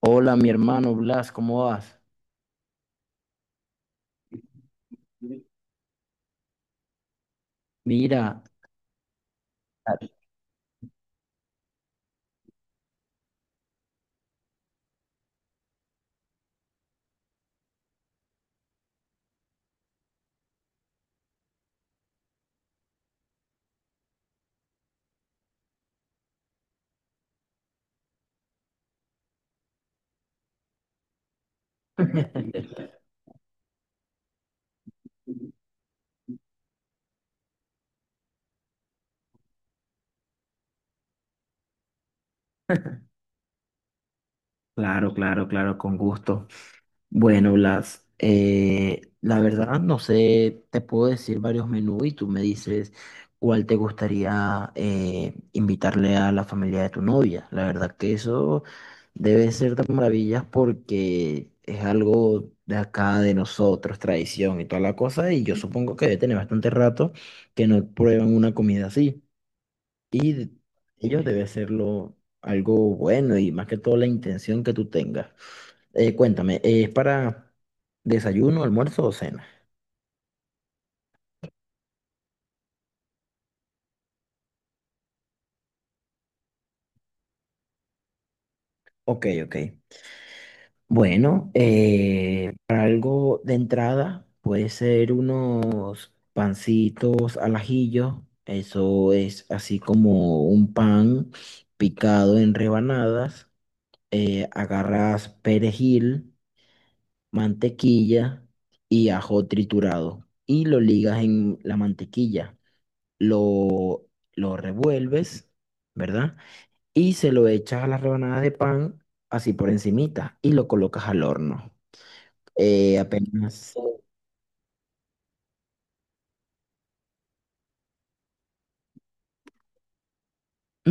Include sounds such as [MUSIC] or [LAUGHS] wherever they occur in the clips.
Hola, mi hermano Blas, ¿cómo vas? Mira, [LAUGHS] claro, claro, claro, con gusto. Bueno, Blas, la verdad no sé, te puedo decir varios menús y tú me dices cuál te gustaría invitarle a la familia de tu novia. La verdad que eso debe ser de maravillas porque es algo de acá, de nosotros, tradición y toda la cosa, y yo supongo que debe tener bastante rato que no prueban una comida así. Y de- Ellos debe serlo algo bueno y más que todo la intención que tú tengas. Cuéntame, ¿es para desayuno, almuerzo o cena? Ok, ok. Bueno, para algo de entrada puede ser unos pancitos al ajillo. Eso es así como un pan picado en rebanadas. Agarras perejil, mantequilla y ajo triturado y lo ligas en la mantequilla. Lo, lo revuelves, ¿verdad? Y se lo echas a las rebanadas de pan así por encimita y lo colocas al horno. Eh, apenas...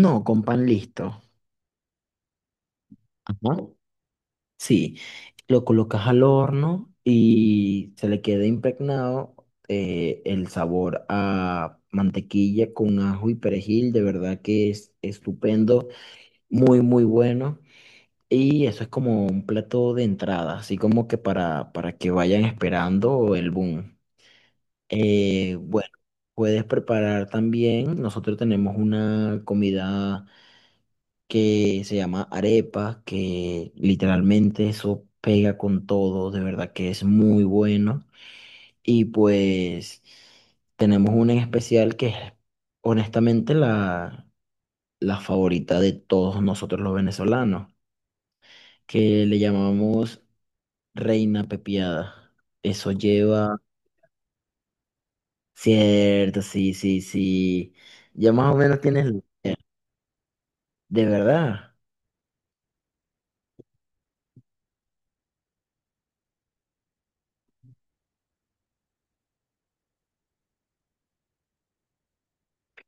No, con pan listo. Ajá. Sí, lo colocas al horno y se le queda impregnado el sabor a mantequilla con ajo y perejil. De verdad que es estupendo. Muy, muy bueno. Y eso es como un plato de entrada, así como que para que vayan esperando el boom. Eh, bueno, puedes preparar también, nosotros tenemos una comida que se llama arepa, que literalmente eso pega con todo, de verdad que es muy bueno. Y pues tenemos una en especial que es honestamente la favorita de todos nosotros los venezolanos que le llamamos reina pepiada. Eso lleva... Cierto, sí, sí, sí. Ya más o menos tienes la idea. De verdad.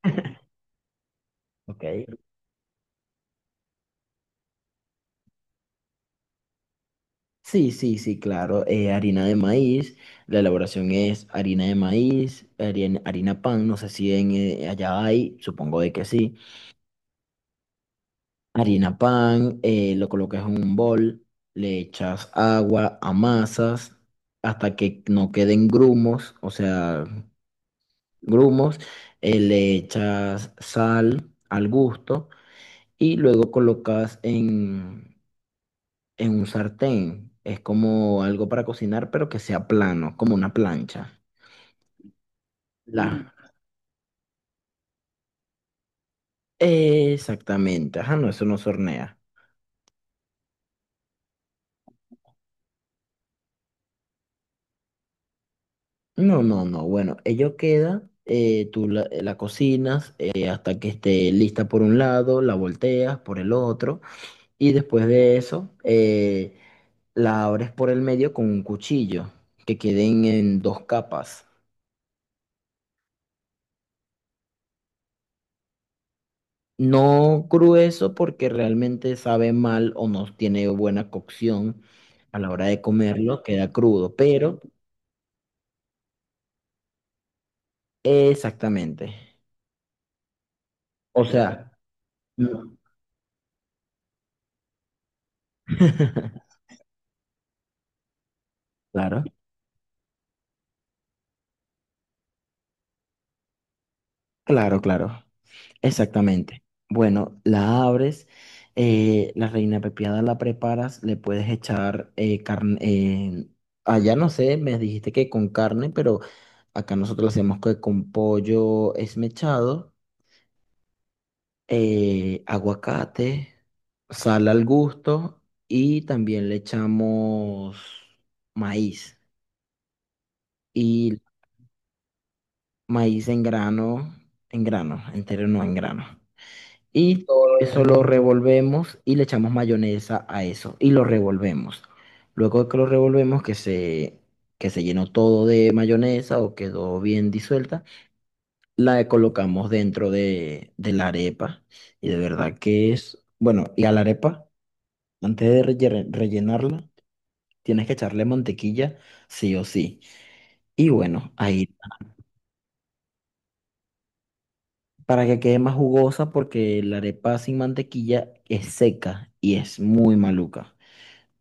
[LAUGHS] Ok. Sí, sí, sí, claro. Eh, harina de maíz. La elaboración es harina de maíz, harina, harina pan. No sé si allá hay, supongo de que sí. Harina pan, lo colocas en un bol, le echas agua, amasas hasta que no queden grumos, o sea, grumos, le echas sal al gusto y luego colocas en un sartén. Es como algo para cocinar, pero que sea plano, como una plancha. Mm. La... Exactamente, ajá, no, eso no se hornea. No, no, no, bueno, ello queda, tú la cocinas hasta que esté lista por un lado, la volteas por el otro y después de eso... la abres por el medio con un cuchillo, que queden en dos capas. No grueso porque realmente sabe mal o no tiene buena cocción a la hora de comerlo, queda crudo, pero exactamente. O sea, no. [LAUGHS] Claro, claro, claro. Exactamente. Bueno, la abres, la reina pepiada la preparas, le puedes echar carne, allá no sé, me dijiste que con carne, pero acá nosotros lo hacemos que con pollo esmechado, aguacate, sal al gusto y también le echamos maíz y maíz en grano, entero no en grano. Y todo eso lo revolvemos y le echamos mayonesa a eso y lo revolvemos. Luego de que lo revolvemos, que se llenó todo de mayonesa o quedó bien disuelta, la colocamos dentro de la arepa. Y de verdad que es, bueno, y a la arepa, antes de rellenarla, tienes que echarle mantequilla, sí o sí. Y bueno, ahí para que quede más jugosa porque la arepa sin mantequilla es seca y es muy maluca.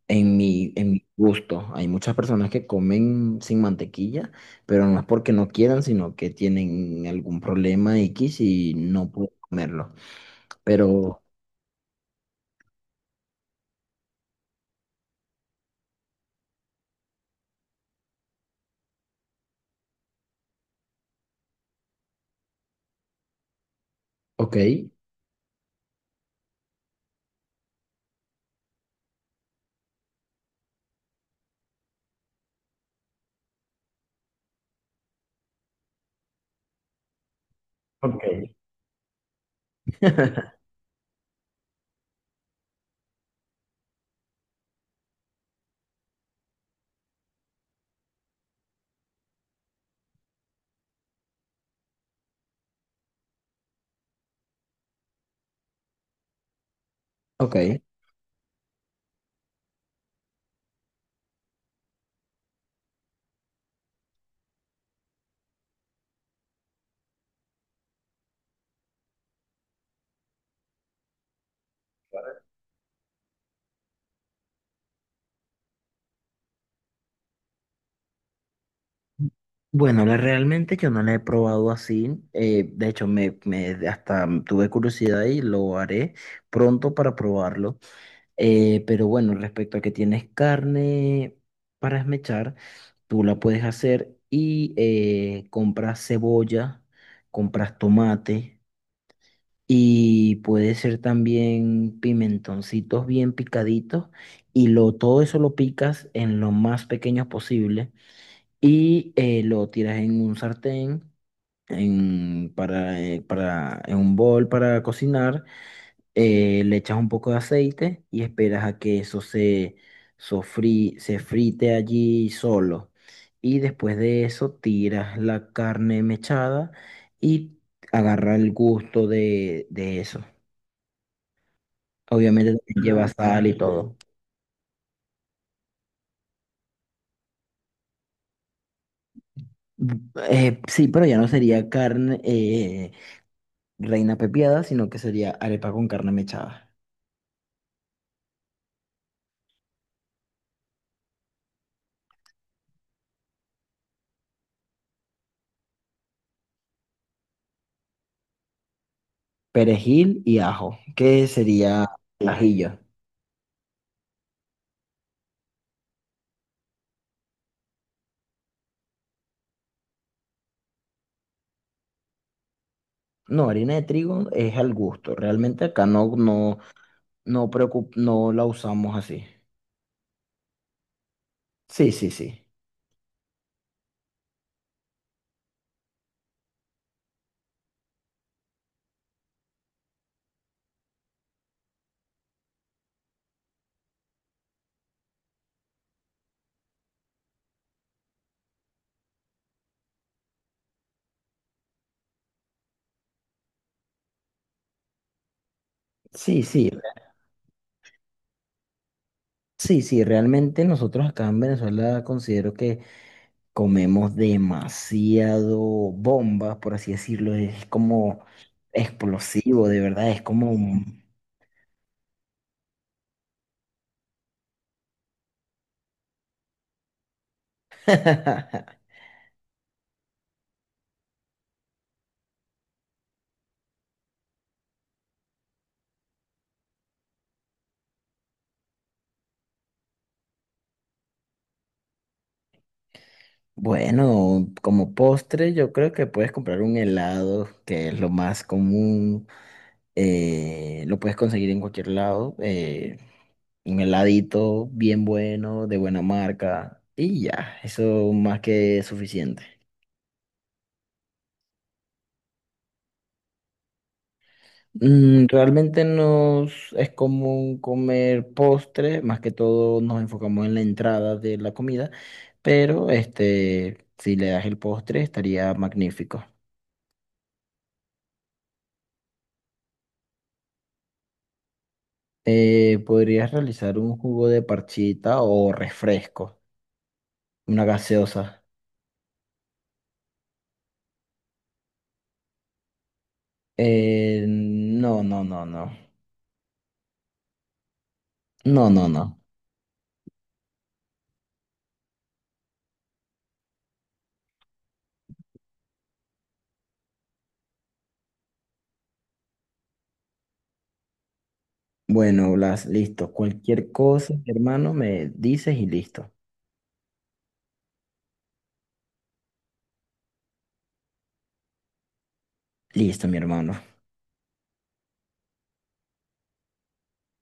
En mi gusto, hay muchas personas que comen sin mantequilla, pero no es porque no quieran, sino que tienen algún problema X y no pueden comerlo. Pero, ok, ok, [LAUGHS] ok. Bueno, la- realmente yo no la he probado así. Eh, de hecho, hasta tuve curiosidad y lo haré pronto para probarlo. Pero bueno, respecto a que tienes carne para esmechar, tú la puedes hacer y compras cebolla, compras tomate y puede ser también pimentoncitos bien picaditos todo eso lo picas en lo más pequeño posible y lo tiras en un sartén, en un bol para cocinar le echas un poco de aceite y esperas a que eso se frite allí solo. Y después de eso tiras la carne mechada y agarra el gusto de eso. Obviamente también lleva sal y todo. Sí, pero ya no sería carne reina pepiada, sino que sería arepa con carne mechada, perejil y ajo, que sería ajillo. No, harina de trigo es al gusto. Realmente acá no, no, no, no la usamos así. Sí, sí, sí. Sí, sí. Re- sí, sí. Realmente nosotros acá en Venezuela considero que comemos demasiado bombas, por así decirlo. Es como explosivo, de verdad. Es como... un- [LAUGHS] Bueno, como postre yo creo que puedes comprar un helado, que es lo más común. Eh, lo puedes conseguir en cualquier lado. Eh, un heladito bien bueno, de buena marca, y ya, eso más que suficiente. Mm, realmente nos es común comer postre, más que todo nos enfocamos en la entrada de la comida, pero este, si le das el postre estaría magnífico. Podrías realizar un jugo de parchita o refresco, una gaseosa. No, no, no, no. No, no, no. Bueno, Blas, listo. Cualquier cosa, mi hermano, me dices y listo. Listo, mi hermano.